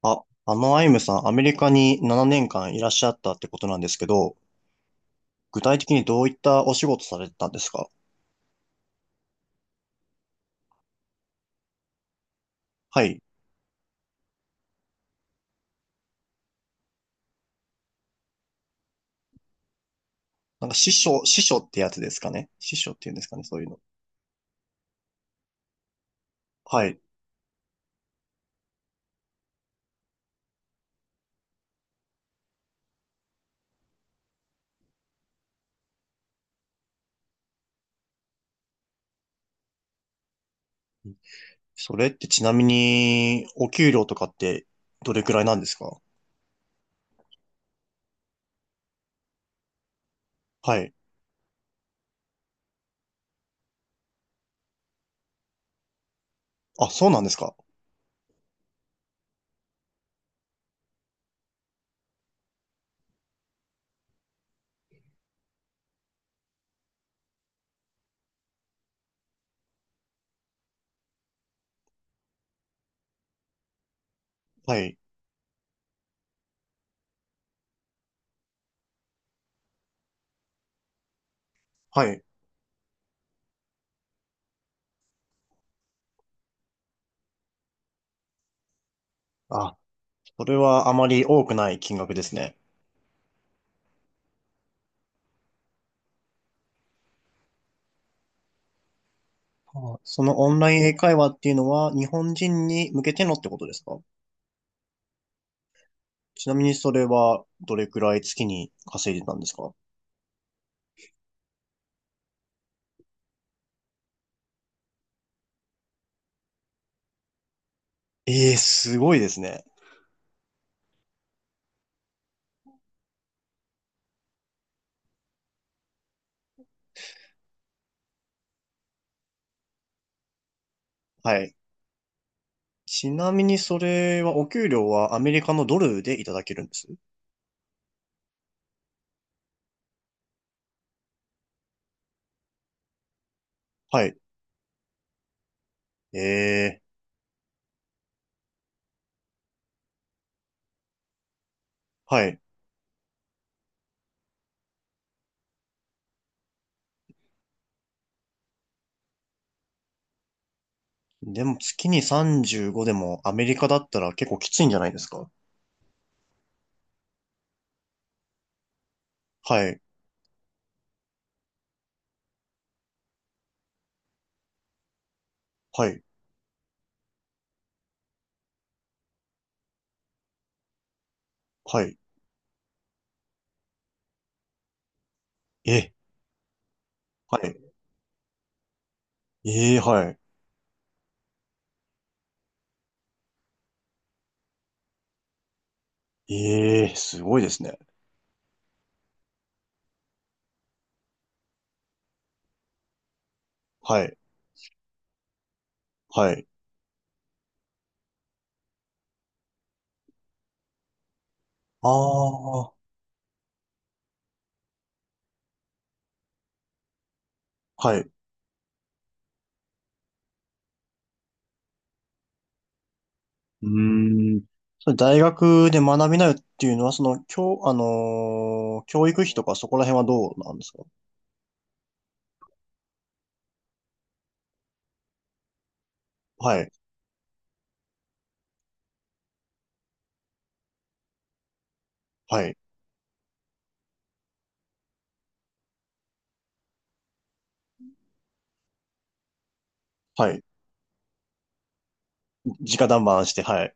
あ、アイムさん、アメリカに7年間いらっしゃったってことなんですけど、具体的にどういったお仕事されてたんですか？はい。なんか師匠、師匠ってやつですかね？師匠っていうんですかね、そういうの。はい。それってちなみに、お給料とかってどれくらいなんですか？はい。あ、そうなんですか？はい。はい。あ、それはあまり多くない金額ですね。あ、そのオンライン英会話っていうのは日本人に向けてのってことですか？ちなみにそれはどれくらい月に稼いでたんですか？ええー、すごいですね。はい。ちなみにそれはお給料はアメリカのドルでいただけるんです？はい。ええー、はい。でも月に35でもアメリカだったら結構きついんじゃないですか？はい。はい。はい。え、はい。ええー、はい。ええー、すごいですね。はい。はい。ああ、はい。うーん。それ大学で学びなよっていうのは、その、教、ー教育費とかそこら辺はどうなんですか？はい、はい、はい。直談判して、はい。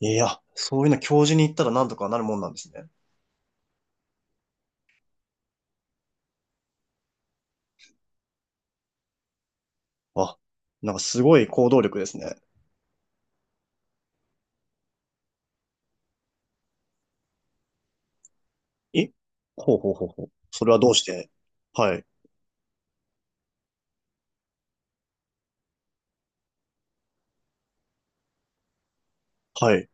いや、そういうの教授に言ったらなんとかなるもんなんですね。あ、なんかすごい行動力ですね。え、ほうほうほうほう。それはどうして？はい、はい、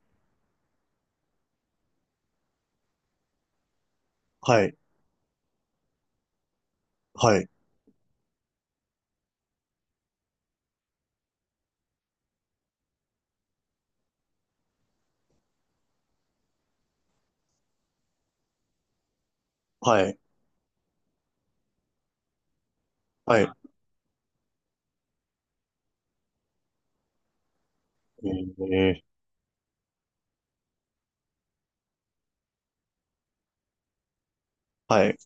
はい、はい、はい、はい。えー、はい。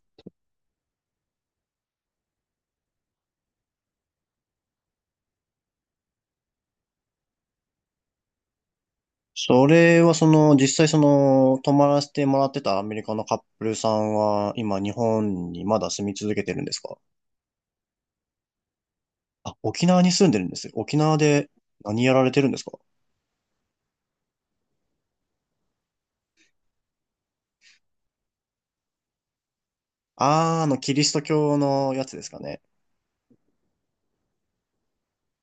それはその、実際その、泊まらせてもらってたアメリカのカップルさんは、今日本にまだ住み続けてるんですか？あ、沖縄に住んでるんですよ。沖縄で何やられてるんですか？あー、あの、キリスト教のやつですかね。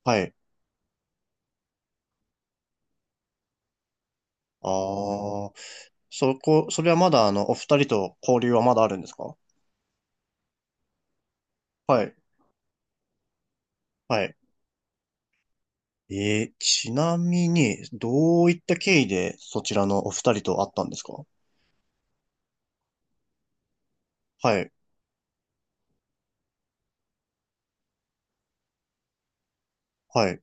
はい。ああ、そこ、それはまだあの、お二人と交流はまだあるんですか？はい。はい。えー、ちなみに、どういった経緯でそちらのお二人と会ったんですか？はい。はい。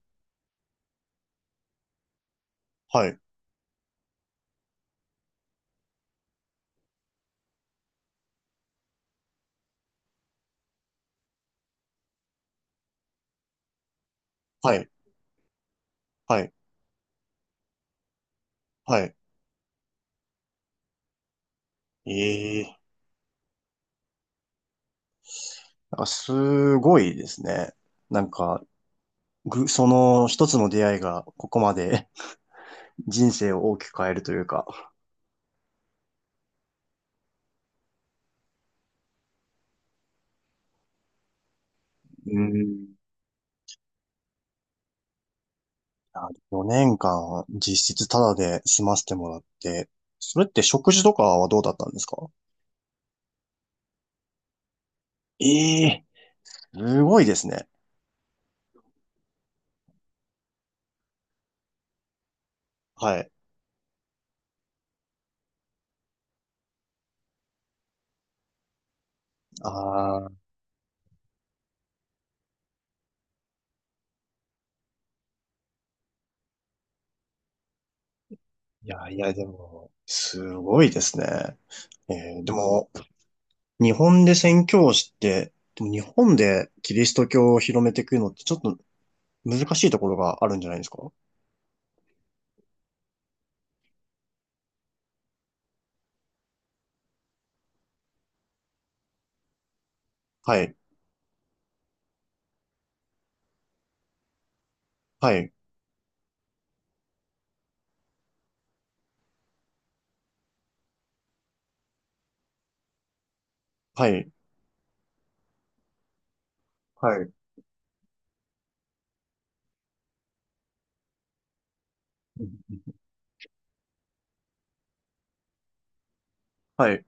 はい。はい。はい。はい。ええ、なんかすごいですね。なんか、ぐ、その一つの出会いがここまで 人生を大きく変えるというか、うん。4年間実質タダで済ませてもらって、それって食事とかはどうだったんですか？ええ、すごいですね。はい。ああ、いやいや、でも、すごいですね。えーでも、日本で宣教師って、でも日本でキリスト教を広めていくのってちょっと難しいところがあるんじゃないですか？はい、はい、はい、はい、うん、はい。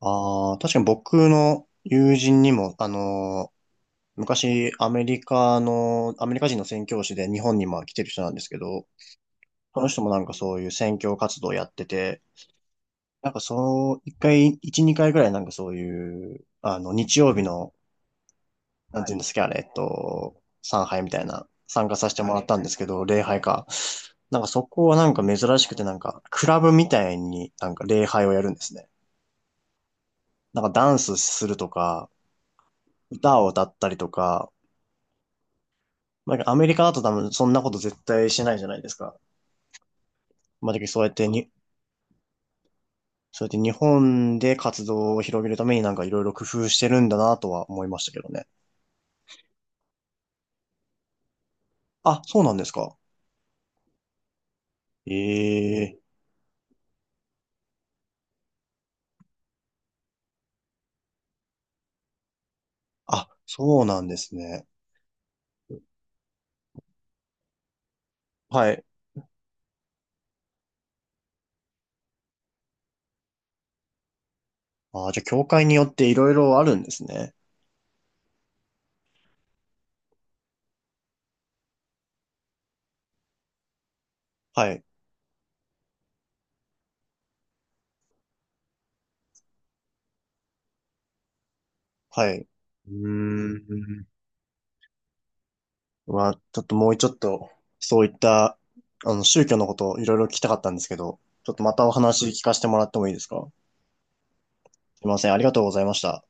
ああ、確かに僕の友人にも、昔アメリカの、アメリカ人の宣教師で日本にも来てる人なんですけど、その人もなんかそういう宣教活動をやってて、なんかそう、一回、一、二回ぐらいなんかそういう、あの、日曜日の、なんていうんですか、あれ、参拝みたいな、参加させてもらったんですけど、礼拝か。なんかそこはなんか珍しくて、なんか、クラブみたいになんか礼拝をやるんですね。なんかダンスするとか、歌を歌ったりとか、まあ、アメリカだと多分そんなこと絶対しないじゃないですか。まあ、だけどそうやってに、そうやって日本で活動を広げるためになんかいろいろ工夫してるんだなとは思いましたけどね。あ、そうなんですか。ええ、あ、そうなんですね。はい。あ、じゃあ、教会によっていろいろあるんですね。はい。はい。うーん。は、ちょっともうちょっと、そういった、あの、宗教のことをいろいろ聞きたかったんですけど、ちょっとまたお話聞かせてもらってもいいですか？すいません。ありがとうございました。